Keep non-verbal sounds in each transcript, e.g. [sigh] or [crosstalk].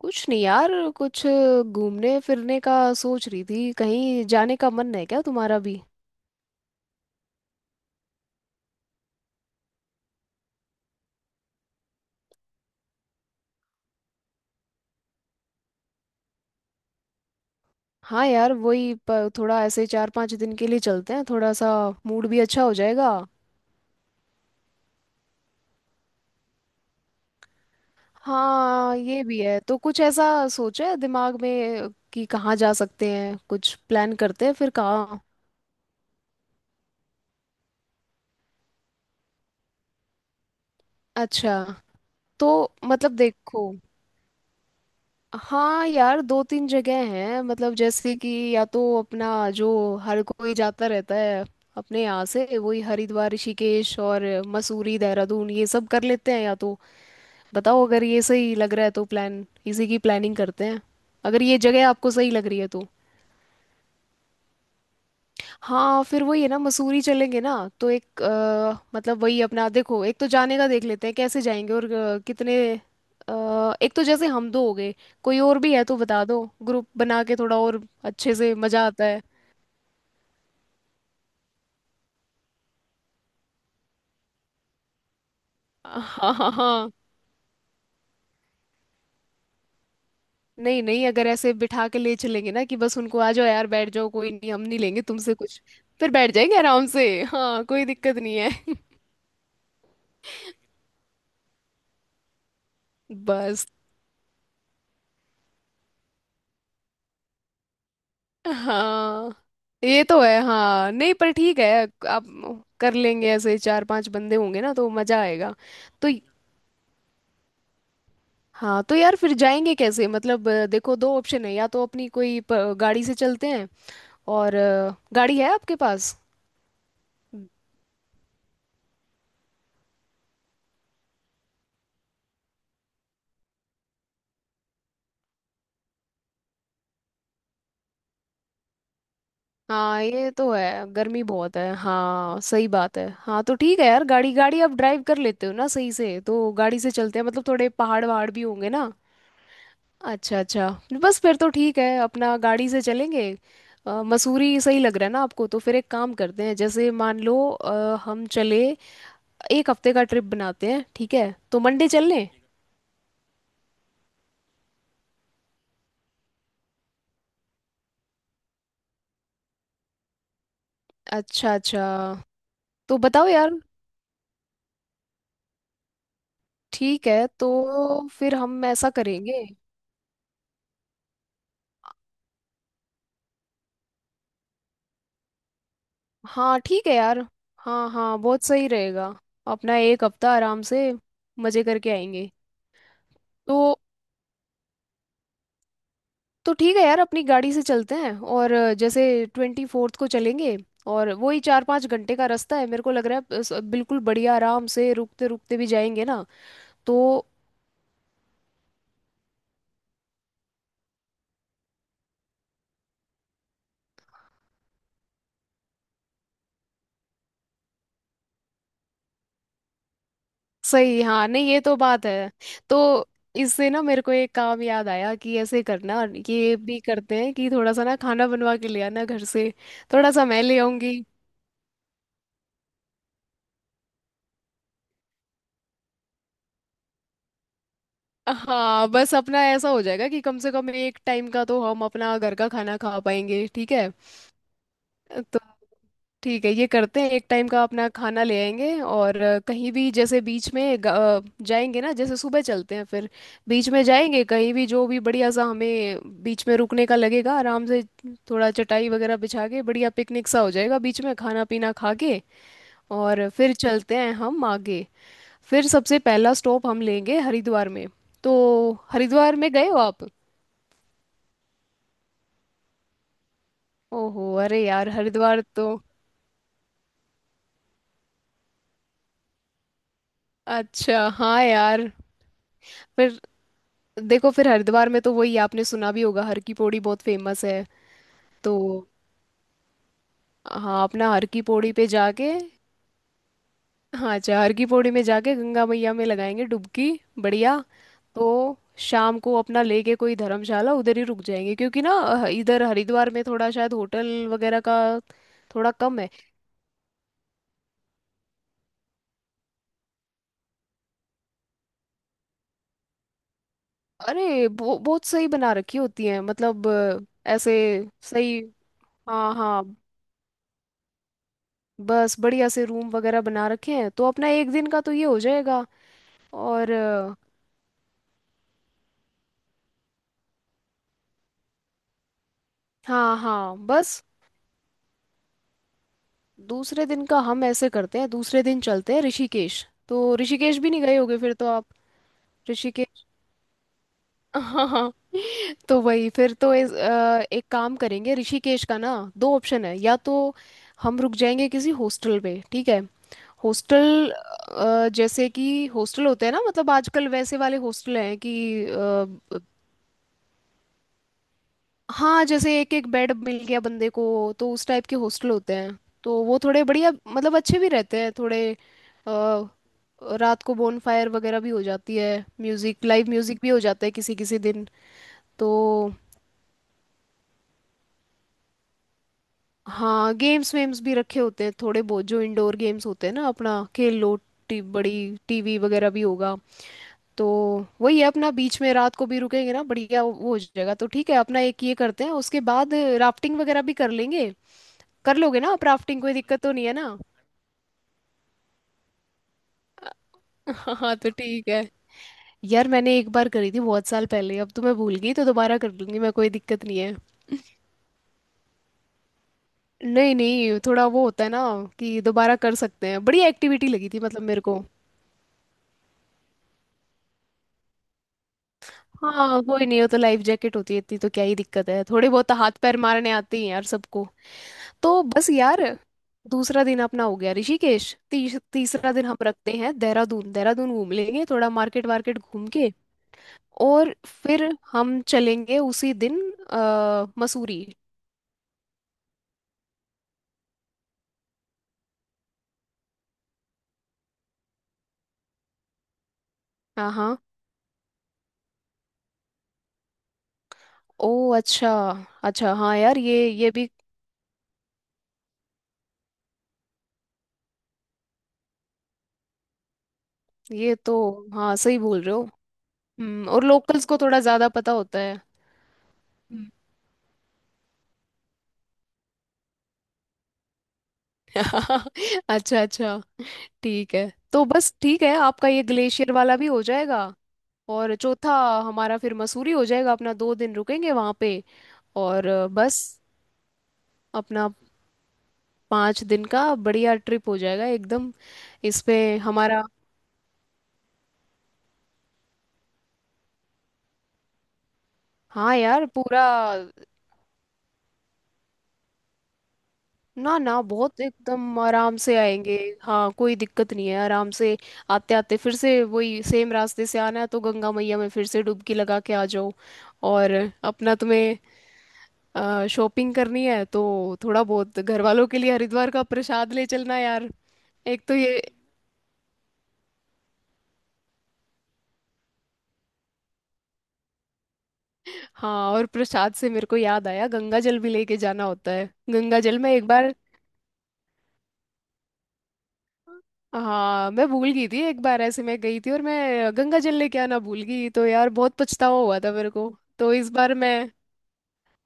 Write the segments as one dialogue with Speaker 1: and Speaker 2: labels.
Speaker 1: कुछ नहीं यार। कुछ घूमने फिरने का सोच रही थी, कहीं जाने का मन है क्या तुम्हारा भी? हाँ यार, वही थोड़ा ऐसे चार पांच दिन के लिए चलते हैं, थोड़ा सा मूड भी अच्छा हो जाएगा। हाँ ये भी है, तो कुछ ऐसा सोचा है दिमाग में कि कहाँ जा सकते हैं? कुछ प्लान करते हैं फिर, कहाँ? अच्छा, तो मतलब देखो, हाँ यार, दो तीन जगह हैं मतलब, जैसे कि या तो अपना जो हर कोई जाता रहता है अपने यहाँ से, वही हरिद्वार, ऋषिकेश और मसूरी, देहरादून, ये सब कर लेते हैं या तो। बताओ, अगर ये सही लग रहा है तो प्लान, इसी की प्लानिंग करते हैं। अगर ये जगह आपको सही लग रही है तो। हाँ, फिर वही है ना, मसूरी चलेंगे ना। तो एक मतलब वही अपना देखो, एक तो जाने का देख लेते हैं कैसे जाएंगे, और कितने एक तो जैसे हम दो हो गए, कोई और भी है तो बता दो। ग्रुप बना के थोड़ा और अच्छे से मजा आता है। हाँ हाँ हाँ। नहीं नहीं, अगर ऐसे बिठा के ले चलेंगे ना कि बस उनको आ जाओ यार, बैठ जाओ, कोई नहीं, हम नहीं लेंगे तुमसे कुछ। फिर बैठ जाएंगे आराम से। हाँ, कोई दिक्कत नहीं है। [laughs] बस। हाँ, ये तो है। हाँ नहीं, पर ठीक है। आप कर लेंगे, ऐसे चार पांच बंदे होंगे ना तो मजा आएगा। तो हाँ, तो यार फिर जाएंगे कैसे मतलब, देखो दो ऑप्शन है या तो अपनी कोई गाड़ी से चलते हैं, और गाड़ी है आपके पास? हाँ ये तो है, गर्मी बहुत है। हाँ सही बात है। हाँ, तो ठीक है यार, गाड़ी गाड़ी आप ड्राइव कर लेते हो ना सही से, तो गाड़ी से चलते हैं। मतलब थोड़े पहाड़ वहाड़ भी होंगे ना। अच्छा अच्छा। बस फिर तो ठीक है, अपना गाड़ी से चलेंगे। मसूरी सही लग रहा है ना आपको, तो फिर एक काम करते हैं, जैसे मान लो हम चले, एक हफ्ते का ट्रिप बनाते हैं, ठीक है? तो मंडे चल लें? अच्छा अच्छा। तो बताओ यार। ठीक है, तो फिर हम ऐसा करेंगे। हाँ ठीक है यार। हाँ हाँ, बहुत सही रहेगा। अपना एक हफ्ता आराम से मजे करके आएंगे। तो तो ठीक है यार, अपनी गाड़ी से चलते हैं और जैसे 24थ को चलेंगे। और वही चार पाँच घंटे का रास्ता है मेरे को लग रहा है, बिल्कुल बढ़िया आराम से रुकते रुकते भी जाएंगे ना। तो सही, हाँ नहीं, ये तो बात है। तो इससे ना मेरे को एक काम याद आया कि ऐसे करना, ये भी करते हैं कि थोड़ा सा ना खाना बनवा के ले आना घर से, थोड़ा सा मैं ले आऊंगी। हाँ, बस अपना ऐसा हो जाएगा कि कम से कम एक टाइम का तो हम अपना घर का खाना खा पाएंगे, ठीक है? तो ठीक है, ये करते हैं, एक टाइम का अपना खाना ले आएंगे, और कहीं भी जैसे बीच में जाएंगे ना, जैसे सुबह चलते हैं फिर बीच में जाएंगे कहीं भी, जो भी बढ़िया सा हमें बीच में रुकने का लगेगा आराम से, थोड़ा चटाई वगैरह बिछा के बढ़िया पिकनिक सा हो जाएगा, बीच में खाना पीना खा के। और फिर चलते हैं हम आगे। फिर सबसे पहला स्टॉप हम लेंगे हरिद्वार में। तो हरिद्वार में गए हो आप? ओहो, अरे यार, हरिद्वार तो। अच्छा हाँ यार। फिर देखो, फिर हरिद्वार में तो वही, आपने सुना भी होगा, हर की पौड़ी बहुत फेमस है। तो हाँ, अपना हर की पौड़ी पे जाके। हाँ, अच्छा, हर की पौड़ी में जाके गंगा मैया में लगाएंगे डुबकी। बढ़िया। तो शाम को अपना लेके कोई धर्मशाला उधर ही रुक जाएंगे, क्योंकि ना इधर हरिद्वार में थोड़ा शायद होटल वगैरह का थोड़ा कम है। अरे, बहुत सही बना रखी होती है मतलब ऐसे। सही। हाँ हाँ। बस बढ़िया से रूम वगैरह बना रखे हैं, तो अपना एक दिन का तो ये हो जाएगा। और हाँ हाँ, बस। दूसरे दिन का हम ऐसे करते हैं, दूसरे दिन चलते हैं ऋषिकेश। तो ऋषिकेश भी नहीं गए होगे फिर तो आप। ऋषिकेश। [laughs] हाँ हाँ। तो वही, फिर तो एक काम करेंगे ऋषिकेश का ना, दो ऑप्शन है या तो हम रुक जाएंगे किसी हॉस्टल पे, ठीक है? हॉस्टल जैसे कि हॉस्टल होते हैं ना, मतलब आजकल वैसे वाले हॉस्टल हैं कि हाँ, जैसे एक एक बेड मिल गया बंदे को, तो उस टाइप के हॉस्टल होते हैं। तो वो थोड़े बढ़िया, मतलब अच्छे भी रहते हैं थोड़े। अ, रात को बोनफायर वगैरह भी हो जाती है, म्यूजिक, लाइव म्यूजिक भी हो जाता है किसी किसी दिन। तो हाँ, गेम्स वेम्स भी रखे होते हैं थोड़े बहुत, जो इंडोर गेम्स होते हैं ना, अपना खेल लो। बड़ी टीवी वगैरह भी होगा। तो वही है अपना, बीच में रात को भी रुकेंगे ना, बढ़िया वो हो जाएगा। तो ठीक है, अपना एक ये करते हैं, उसके बाद राफ्टिंग वगैरह भी कर लेंगे। कर लोगे ना आप राफ्टिंग? कोई दिक्कत तो नहीं है ना? [laughs] हाँ तो ठीक है यार, मैंने एक बार करी थी, बहुत साल पहले, अब तो मैं भूल गई, तो दोबारा कर लूंगी मैं, कोई दिक्कत नहीं है। नहीं नहीं, थोड़ा वो होता है ना कि दोबारा कर सकते हैं। बड़ी एक्टिविटी लगी थी मतलब मेरे को। हाँ कोई नहीं, हो तो लाइफ जैकेट होती है, इतनी तो क्या ही दिक्कत है, थोड़े बहुत तो हाथ पैर मारने आते ही हैं यार सबको। तो बस यार, दूसरा दिन अपना हो गया ऋषिकेश, तीसरा दिन हम रखते हैं देहरादून, देहरादून घूम लेंगे थोड़ा, मार्केट वार्केट घूम के। और फिर हम चलेंगे उसी दिन मसूरी। हाँ हाँ, ओ, अच्छा अच्छा, हाँ यार ये भी। ये तो। हाँ सही बोल रहे हो। हम्म, और लोकल्स को थोड़ा ज़्यादा पता होता है। हम्म। [laughs] अच्छा अच्छा। ठीक है, तो बस ठीक है, आपका ये ग्लेशियर वाला भी हो जाएगा। और चौथा हमारा फिर मसूरी हो जाएगा, अपना दो दिन रुकेंगे वहाँ पे। और बस अपना पाँच दिन का बढ़िया ट्रिप हो जाएगा एकदम। इस पे हमारा। हाँ यार पूरा। ना ना, बहुत एकदम आराम से आएंगे। हाँ कोई दिक्कत नहीं है, आराम से। आते आते फिर से वही सेम रास्ते से आना है, तो गंगा मैया में फिर से डुबकी लगा के आ जाओ। और अपना तुम्हें शॉपिंग करनी है तो थोड़ा बहुत घर वालों के लिए हरिद्वार का प्रसाद ले चलना यार। एक तो ये। हाँ, और प्रसाद से मेरे को याद आया, गंगा जल भी लेके जाना होता है, गंगा जल में एक बार। हाँ, मैं भूल गई थी एक बार, ऐसे मैं गई थी और मैं गंगा जल लेके आना भूल गई, तो यार बहुत पछतावा हुआ था मेरे को। तो इस बार मैं,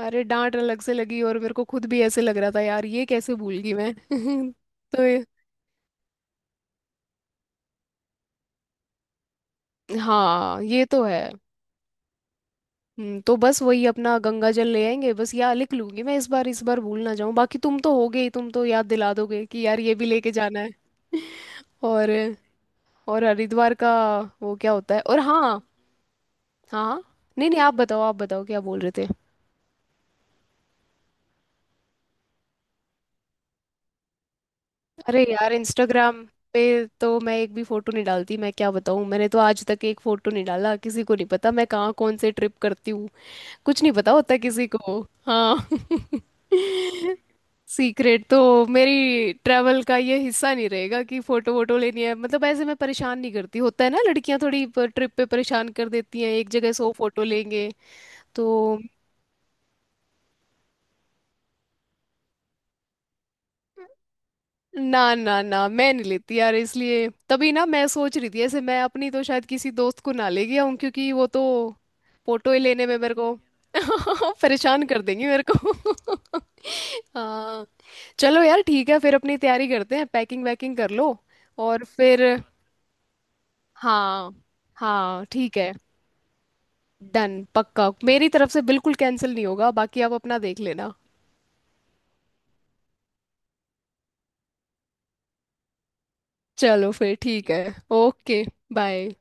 Speaker 1: अरे, डांट अलग से लगी और मेरे को खुद भी ऐसे लग रहा था यार, ये कैसे भूल गई मैं। [laughs] तो ये- हाँ ये तो है। तो बस वही अपना गंगा जल ले आएंगे। बस यार, लिख लूंगी मैं इस बार, इस बार भूल ना जाऊं। बाकी तुम तो हो गई, तुम तो याद दिला दोगे कि यार ये भी लेके जाना है। [laughs] और और हरिद्वार का वो क्या होता है? और हाँ, हाँ, नहीं नहीं, आप बताओ, आप बताओ, क्या बोल रहे थे? अरे यार, इंस्टाग्राम पे तो मैं एक भी फोटो नहीं डालती, मैं क्या बताऊँ, मैंने तो आज तक एक फोटो नहीं डाला, किसी को नहीं पता मैं कहाँ कौन से ट्रिप करती हूँ। कुछ नहीं पता होता किसी को। हाँ। [laughs] सीक्रेट तो मेरी ट्रैवल का ये हिस्सा नहीं रहेगा कि फोटो वोटो लेनी है, मतलब ऐसे मैं परेशान नहीं करती। होता है ना, लड़कियां थोड़ी ट्रिप पे परेशान कर देती हैं, एक जगह 100 फोटो लेंगे। तो ना ना ना, मैं नहीं लेती यार, इसलिए तभी ना मैं सोच रही थी, ऐसे मैं अपनी तो शायद किसी दोस्त को ना ले गया हूँ, क्योंकि वो तो फोटो ही लेने में मेरे को [laughs] परेशान कर देंगी मेरे को। [laughs] हाँ, चलो यार ठीक है, फिर अपनी तैयारी करते हैं, पैकिंग वैकिंग कर लो। और फिर हाँ, हाँ ठीक है, डन, पक्का, मेरी तरफ से बिल्कुल कैंसिल नहीं होगा, बाकी आप अपना देख लेना। चलो फिर ठीक है। ओके। बाय।